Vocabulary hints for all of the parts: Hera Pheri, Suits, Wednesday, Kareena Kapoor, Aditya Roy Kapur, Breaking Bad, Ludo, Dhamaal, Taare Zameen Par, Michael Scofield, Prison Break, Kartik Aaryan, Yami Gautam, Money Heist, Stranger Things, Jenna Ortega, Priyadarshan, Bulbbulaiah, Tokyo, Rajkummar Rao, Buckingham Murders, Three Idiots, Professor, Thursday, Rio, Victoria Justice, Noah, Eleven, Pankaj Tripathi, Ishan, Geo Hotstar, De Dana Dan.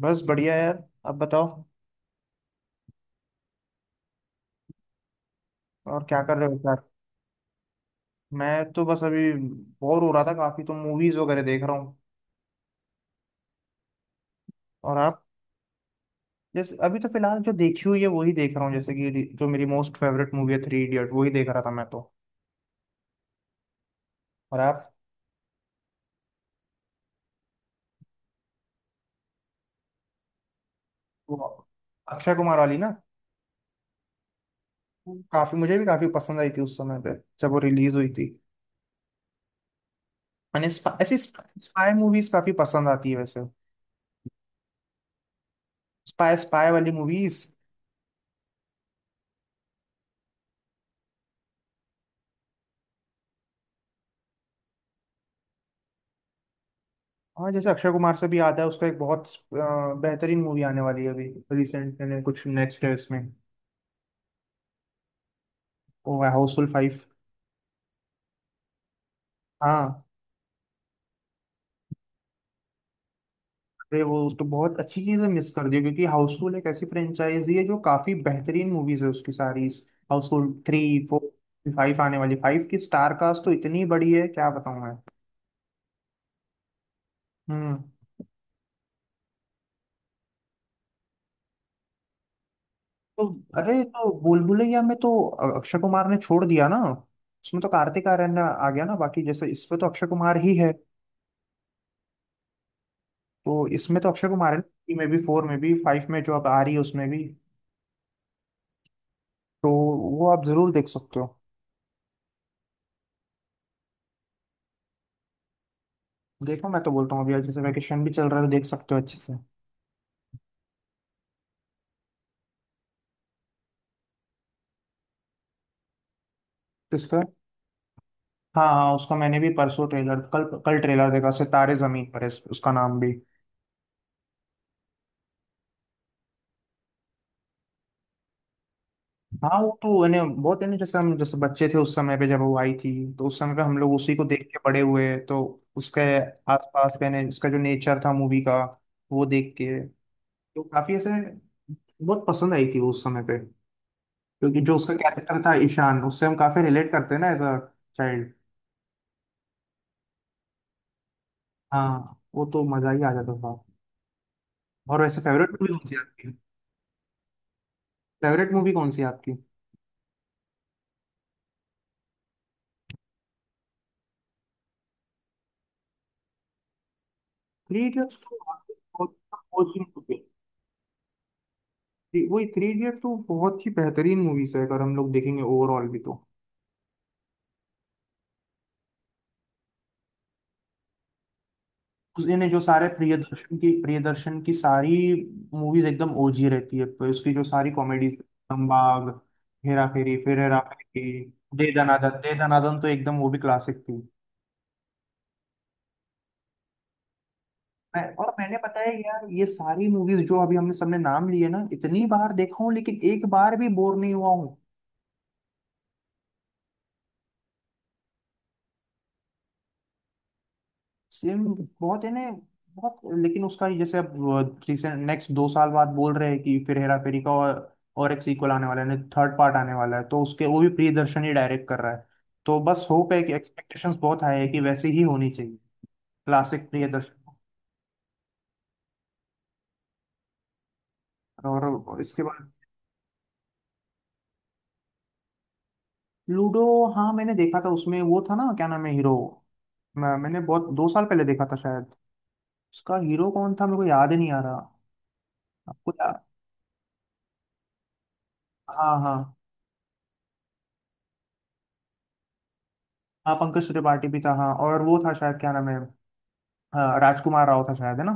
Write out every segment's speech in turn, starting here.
बस बढ़िया यार अब बताओ। और क्या कर रहे हो यार। मैं तो बस अभी बोर हो रहा था काफी तो मूवीज वगैरह देख रहा हूँ। और आप। जैसे अभी तो फिलहाल जो देखी हुई है वही देख रहा हूँ जैसे कि जो मेरी मोस्ट फेवरेट मूवी है थ्री इडियट वही देख रहा था मैं तो। और आप। वो अक्षय कुमार वाली ना। वो काफी मुझे भी काफी पसंद आई थी उस समय पे जब वो रिलीज हुई थी। मैंने ऐसी स्पाई मूवीज काफी पसंद आती है वैसे। स्पाई स्पाई वाली मूवीज। हाँ जैसे अक्षय कुमार से भी आता है उसका एक बहुत बेहतरीन मूवी आने वाली है अभी। रिसेंट में कुछ नेक्स्ट है इसमें। वो है हाउसफुल फाइव। हाँ। अरे वो तो बहुत अच्छी चीज़ है मिस कर दी क्योंकि हाउसफुल एक ऐसी फ्रेंचाइजी है जो काफी बेहतरीन मूवीज है उसकी सारी। हाउसफुल थ्री फोर फाइव आने वाली फाइव की स्टार कास्ट तो इतनी बड़ी है क्या बताऊँ मैं। हम्म। तो अरे तो बुलबुलैया में तो अक्षय कुमार ने छोड़ दिया ना। उसमें तो कार्तिक आर्यन आ गया ना बाकी जैसे इस पे तो अक्षय कुमार ही है। तो इसमें तो अक्षय कुमार है ना, थ्री में भी फोर में भी फाइव में जो अब आ रही है उसमें भी। तो वो आप जरूर देख सकते हो। देखो मैं तो बोलता हूँ अभी आज जैसे वैकेशन भी चल रहा है तो देख सकते हो अच्छे से। किसका। हाँ हाँ उसका मैंने भी परसों ट्रेलर कल कल ट्रेलर देखा सितारे जमीन पर है उसका नाम भी। हाँ वो तो इन्हें बहुत इन्हें जैसे हम जैसे बच्चे थे उस समय पे जब वो आई थी। तो उस समय पे हम लोग उसी को देख के बड़े हुए तो उसके आसपास का उसका जो नेचर था मूवी का वो देख के। तो काफी ऐसे बहुत पसंद आई थी वो उस समय पे। क्योंकि जो उसका कैरेक्टर था ईशान उससे हम काफी रिलेट करते हैं ना एज अ चाइल्ड। हाँ वो तो मजा ही आ जाता था। और वैसे फेवरेट मूवी कौन सी है आपकी। फेवरेट मूवी कौन सी है आपकी। थ्री इडियट्स तो वाकई बहुत बहुत ही movie है। वही थ्री इडियट्स तो बहुत ही बेहतरीन मूवीज है अगर हम लोग देखेंगे ओवरऑल भी तो। उसने जो सारे प्रियदर्शन की सारी मूवीज एकदम ओजी रहती है पर उसकी जो सारी कॉमेडीज। दंबाग हेरा फेरी फिर हेरा फेरी दे दनादन तो एकदम वो भी क्लासिक थी। मैंने पता है यार ये सारी मूवीज जो अभी हमने सबने नाम लिए ना इतनी बार देखा हूँ लेकिन एक बार भी बोर नहीं हुआ हूँ। सेम बहुत है ना बहुत। लेकिन उसका जैसे अब रिसेंट नेक्स्ट 2 साल बाद बोल रहे हैं कि फिर हेरा फेरी का और एक सीक्वल आने वाला है थर्ड पार्ट आने वाला है तो उसके वो भी प्रियदर्शन ही डायरेक्ट कर रहा है। तो बस होप है कि एक्सपेक्टेशंस बहुत हाई है कि वैसे ही होनी चाहिए। क्लासिक प्रियदर्शन। और इसके बाद लूडो। हाँ मैंने देखा था उसमें वो था ना क्या नाम है हीरो। मैंने बहुत 2 साल पहले देखा था शायद। उसका हीरो कौन था मेरे को याद ही नहीं आ रहा। आपको या। हाँ हाँ। हाँ पंकज त्रिपाठी भी था हाँ और वो था शायद क्या नाम है। हाँ, राजकुमार राव था शायद है ना।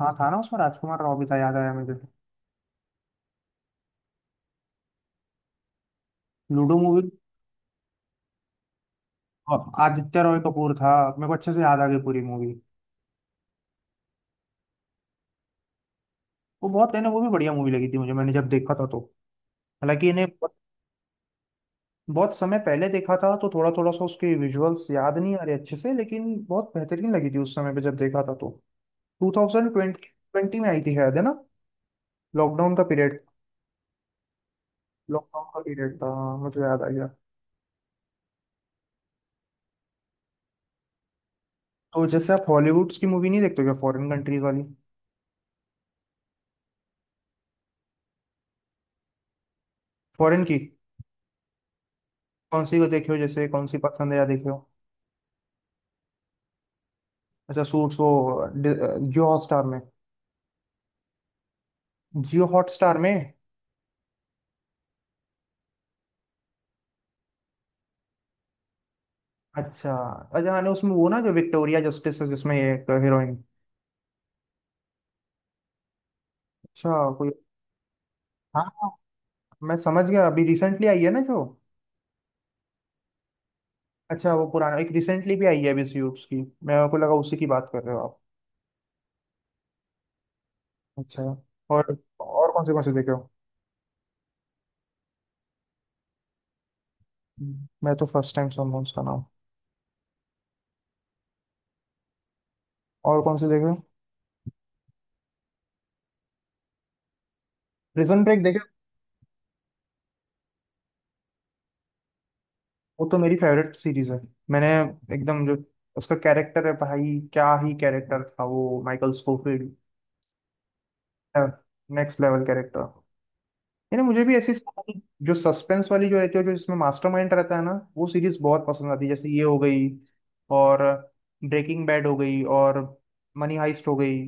हाँ था ना उसमें राजकुमार राव भी था याद आया मुझे। लूडो मूवी। और आदित्य रॉय कपूर था। मेरे को अच्छे से याद आ गई पूरी मूवी। वो बहुत है ना वो भी बढ़िया मूवी लगी थी मुझे मैंने जब देखा था तो। हालांकि इन्हें बहुत बहुत समय पहले देखा था तो थोड़ा थोड़ा सा उसके विजुअल्स याद नहीं आ रहे अच्छे से लेकिन बहुत बेहतरीन लगी थी उस समय पे जब देखा था तो। 2020 में आई थी शायद है ना। लॉकडाउन का पीरियड। लॉकडाउन का पीरियड था हाँ, मुझे याद आ गया। तो जैसे आप हॉलीवुड्स की मूवी नहीं देखते हो क्या फॉरेन कंट्रीज वाली। फॉरेन की। कौन सी को देखे हो जैसे कौन सी पसंद है या देखे हो। अच्छा सूट्स वो जियो हॉटस्टार में। जियो हॉटस्टार में। अच्छा अच्छा हाँ नहीं, उसमें वो ना जो विक्टोरिया जस्टिस है जिसमें ये एक हीरोइन। अच्छा कोई। हाँ हाँ, मैं समझ गया अभी रिसेंटली आई है ना जो। अच्छा वो पुराना एक रिसेंटली भी आई है अभी सूट्स की। मैं को लगा उसी की बात कर रहे हो आप। अच्छा। और और कौन से देखे हो। हम्म। मैं तो फर्स्ट टाइम सुन रहा हूँ उसका नाम। और कौन से देखे। प्रिजन ब्रेक देखे। वो तो मेरी फेवरेट सीरीज है। मैंने एकदम जो उसका कैरेक्टर है भाई क्या ही कैरेक्टर था वो Michael Scofield. Next level character. यानी मुझे भी ऐसी सारी जो सस्पेंस वाली जो रहती है जो जिसमें मास्टरमाइंड रहता है ना वो सीरीज बहुत पसंद आती है जैसे ये हो गई और ब्रेकिंग बैड हो गई और मनी हाइस्ट हो गई।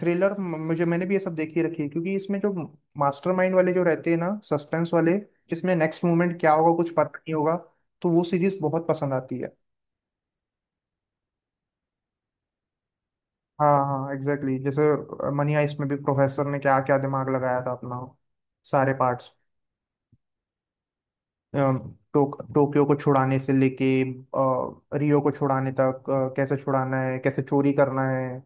थ्रिलर मुझे मैंने भी ये सब देखी रखी है क्योंकि इसमें जो मास्टरमाइंड वाले जो रहते हैं ना सस्पेंस वाले जिसमें नेक्स्ट मोमेंट क्या होगा कुछ पता नहीं होगा तो वो सीरीज बहुत पसंद आती है। हाँ हाँ एग्जैक्टली exactly। जैसे मनी हाइस्ट में भी प्रोफेसर ने क्या क्या दिमाग लगाया था अपना सारे पार्ट्स टोक्यो को छुड़ाने से लेके रियो को छुड़ाने तक कैसे छुड़ाना है कैसे चोरी करना है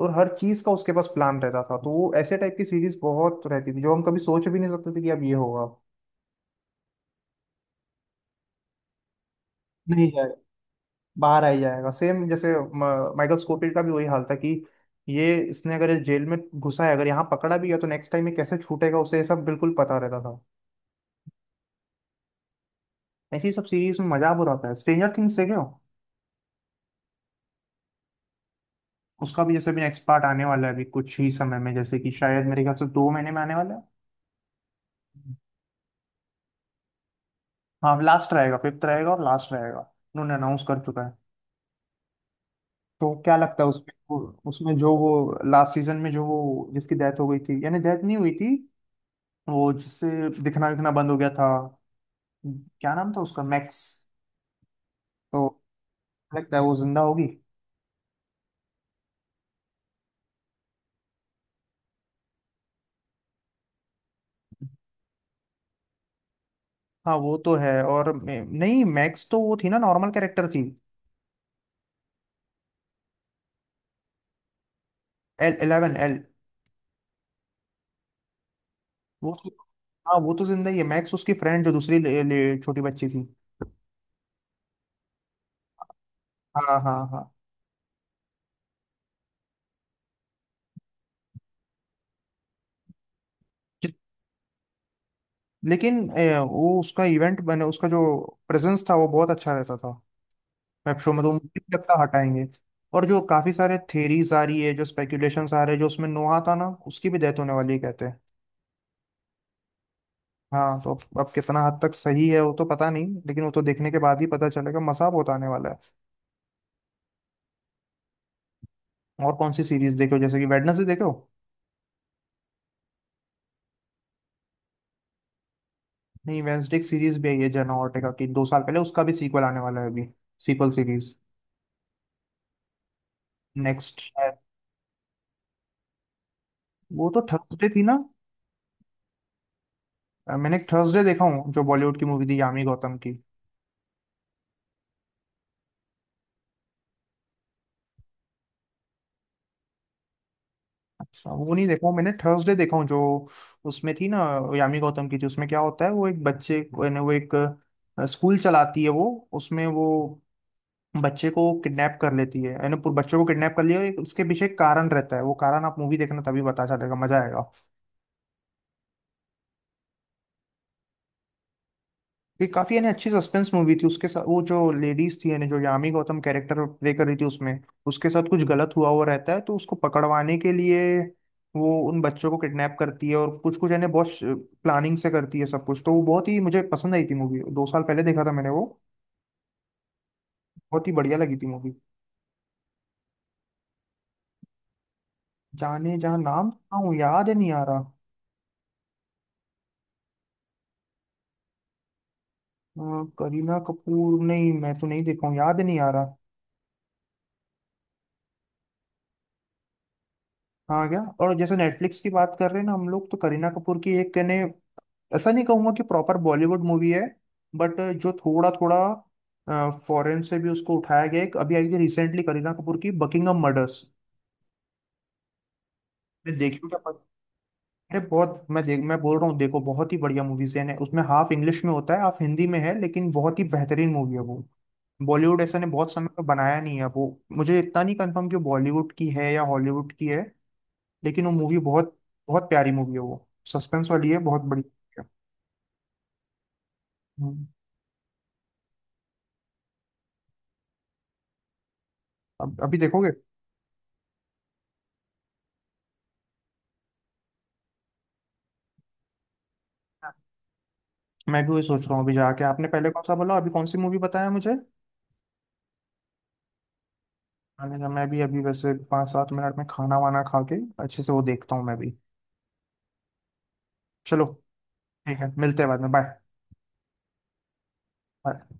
और हर चीज का उसके पास प्लान रहता था तो वो ऐसे टाइप की सीरीज बहुत रहती थी जो हम कभी सोच भी नहीं सकते थे कि अब ये होगा। नहीं बाहर आ ही जाएगा सेम जैसे माइकल स्कोfield का भी वही हाल था कि ये इसने अगर इस जेल में घुसा है अगर यहाँ पकड़ा भी गया तो नेक्स्ट टाइम ये कैसे छूटेगा उसे ये सब बिल्कुल पता रहता था। ऐसी सब सीरीज में मजा बुरा आता है स्ट्रेंजर थिंग्स देखे हो। उसका भी जैसे भी नेक्स्ट पार्ट आने वाला है अभी कुछ ही समय में जैसे कि शायद मेरे ख्याल से 2 महीने में आने वाला है। हाँ लास्ट रहेगा फिफ्थ रहेगा और लास्ट रहेगा। उन्होंने अनाउंस कर चुका है। तो क्या लगता है उसमें उसमें जो वो लास्ट सीजन में जो वो जिसकी डेथ हो गई थी यानी डेथ नहीं हुई थी वो जिससे दिखना दिखना बंद हो गया था क्या नाम था उसका मैक्स। तो लगता है वो जिंदा होगी। हाँ वो तो है और नहीं मैक्स तो वो थी ना नॉर्मल कैरेक्टर थी। L eleven L. वो तो- हाँ वो तो जिंदा ही है मैक्स उसकी फ्रेंड जो दूसरी ले, ले, छोटी बच्ची थी। हाँ हाँ हाँ। जि- लेकिन वो उसका इवेंट बने उसका जो प्रेजेंस था वो बहुत अच्छा रहता था। वेब शो में तो मुझे नहीं लगता हटाएंगे। और जो काफी सारे थेरीज आ रही है जो स्पेकुलेशंस आ रहे हैं जो उसमें नोहा था ना उसकी भी डेथ होने वाली है कहते हैं। हाँ तो अब कितना हद तक सही है वो तो पता नहीं लेकिन वो तो देखने के बाद ही पता चलेगा मसा बहुत आने वाला है। और कौन सी सीरीज देखो जैसे कि वेडनेसडे देखो। नहीं वेडनेसडे की सीरीज भी आई है जेना ओर्टेगा की 2 साल पहले उसका भी सीक्वल आने वाला है अभी। सीक्वल सीरीज नेक्स्ट शायद। वो तो थर्सडे थी ना। मैंने थर्सडे देखा हूँ जो बॉलीवुड की मूवी थी यामी गौतम की। अच्छा वो नहीं देखा हूँ मैंने थर्सडे देखा हूँ जो उसमें थी ना यामी गौतम की थी उसमें क्या होता है वो एक बच्चे को- यानी वो एक स्कूल चलाती है वो उसमें वो बच्चे को किडनैप कर लेती है यानी पूरे बच्चे को किडनैप कर लिया एक उसके पीछे एक कारण रहता है वो कारण आप मूवी देखना तभी पता चलेगा मजा आएगा। ये काफी यानी अच्छी सस्पेंस मूवी थी उसके साथ वो जो लेडीज थी यानी जो यामी गौतम कैरेक्टर प्ले कर रही थी उसमें उसके साथ कुछ गलत हुआ हुआ रहता है तो उसको पकड़वाने के लिए वो उन बच्चों को किडनैप करती है और कुछ कुछ यानी बहुत प्लानिंग से करती है सब कुछ तो वो बहुत ही मुझे पसंद आई थी मूवी 2 साल पहले देखा था मैंने वो बहुत ही बढ़िया लगी थी मूवी। जाने जहाँ नाम सुना हूँ याद ही नहीं आ रहा। हाँ, करीना कपूर नहीं मैं तो नहीं देखा हूँ याद नहीं आ रहा। हाँ क्या और जैसे नेटफ्लिक्स की बात कर रहे हैं ना हम लोग तो करीना कपूर की एक कहने ऐसा नहीं कहूंगा कि प्रॉपर बॉलीवुड मूवी है बट जो थोड़ा थोड़ा फॉरेन से भी उसको उठाया गया एक अभी आई थी रिसेंटली करीना कपूर की बकिंगम मर्डर्स। देखी हो क्या। अरे बहुत मैं बोल रहा हूँ देखो बहुत ही बढ़िया मूवीज है उसमें हाफ इंग्लिश में होता है हाफ हिंदी में है लेकिन बहुत ही बेहतरीन मूवी है वो। बॉलीवुड ऐसा ने बहुत समय पर बनाया नहीं है वो। मुझे इतना नहीं कंफर्म कि वो बॉलीवुड की है या हॉलीवुड की है लेकिन वो मूवी बहुत बहुत प्यारी मूवी है वो सस्पेंस वाली है बहुत बड़ी movie है। हम्म, अब अभी देखोगे। हाँ। मैं भी वही सोच रहा हूँ अभी जाके आपने पहले कौन सा बोला अभी कौन सी मूवी बताया मुझे। मैंने कहा मैं भी अभी वैसे 5-7 मिनट में खाना वाना खा के अच्छे से वो देखता हूँ मैं भी। चलो ठीक है मिलते हैं बाद में बाय।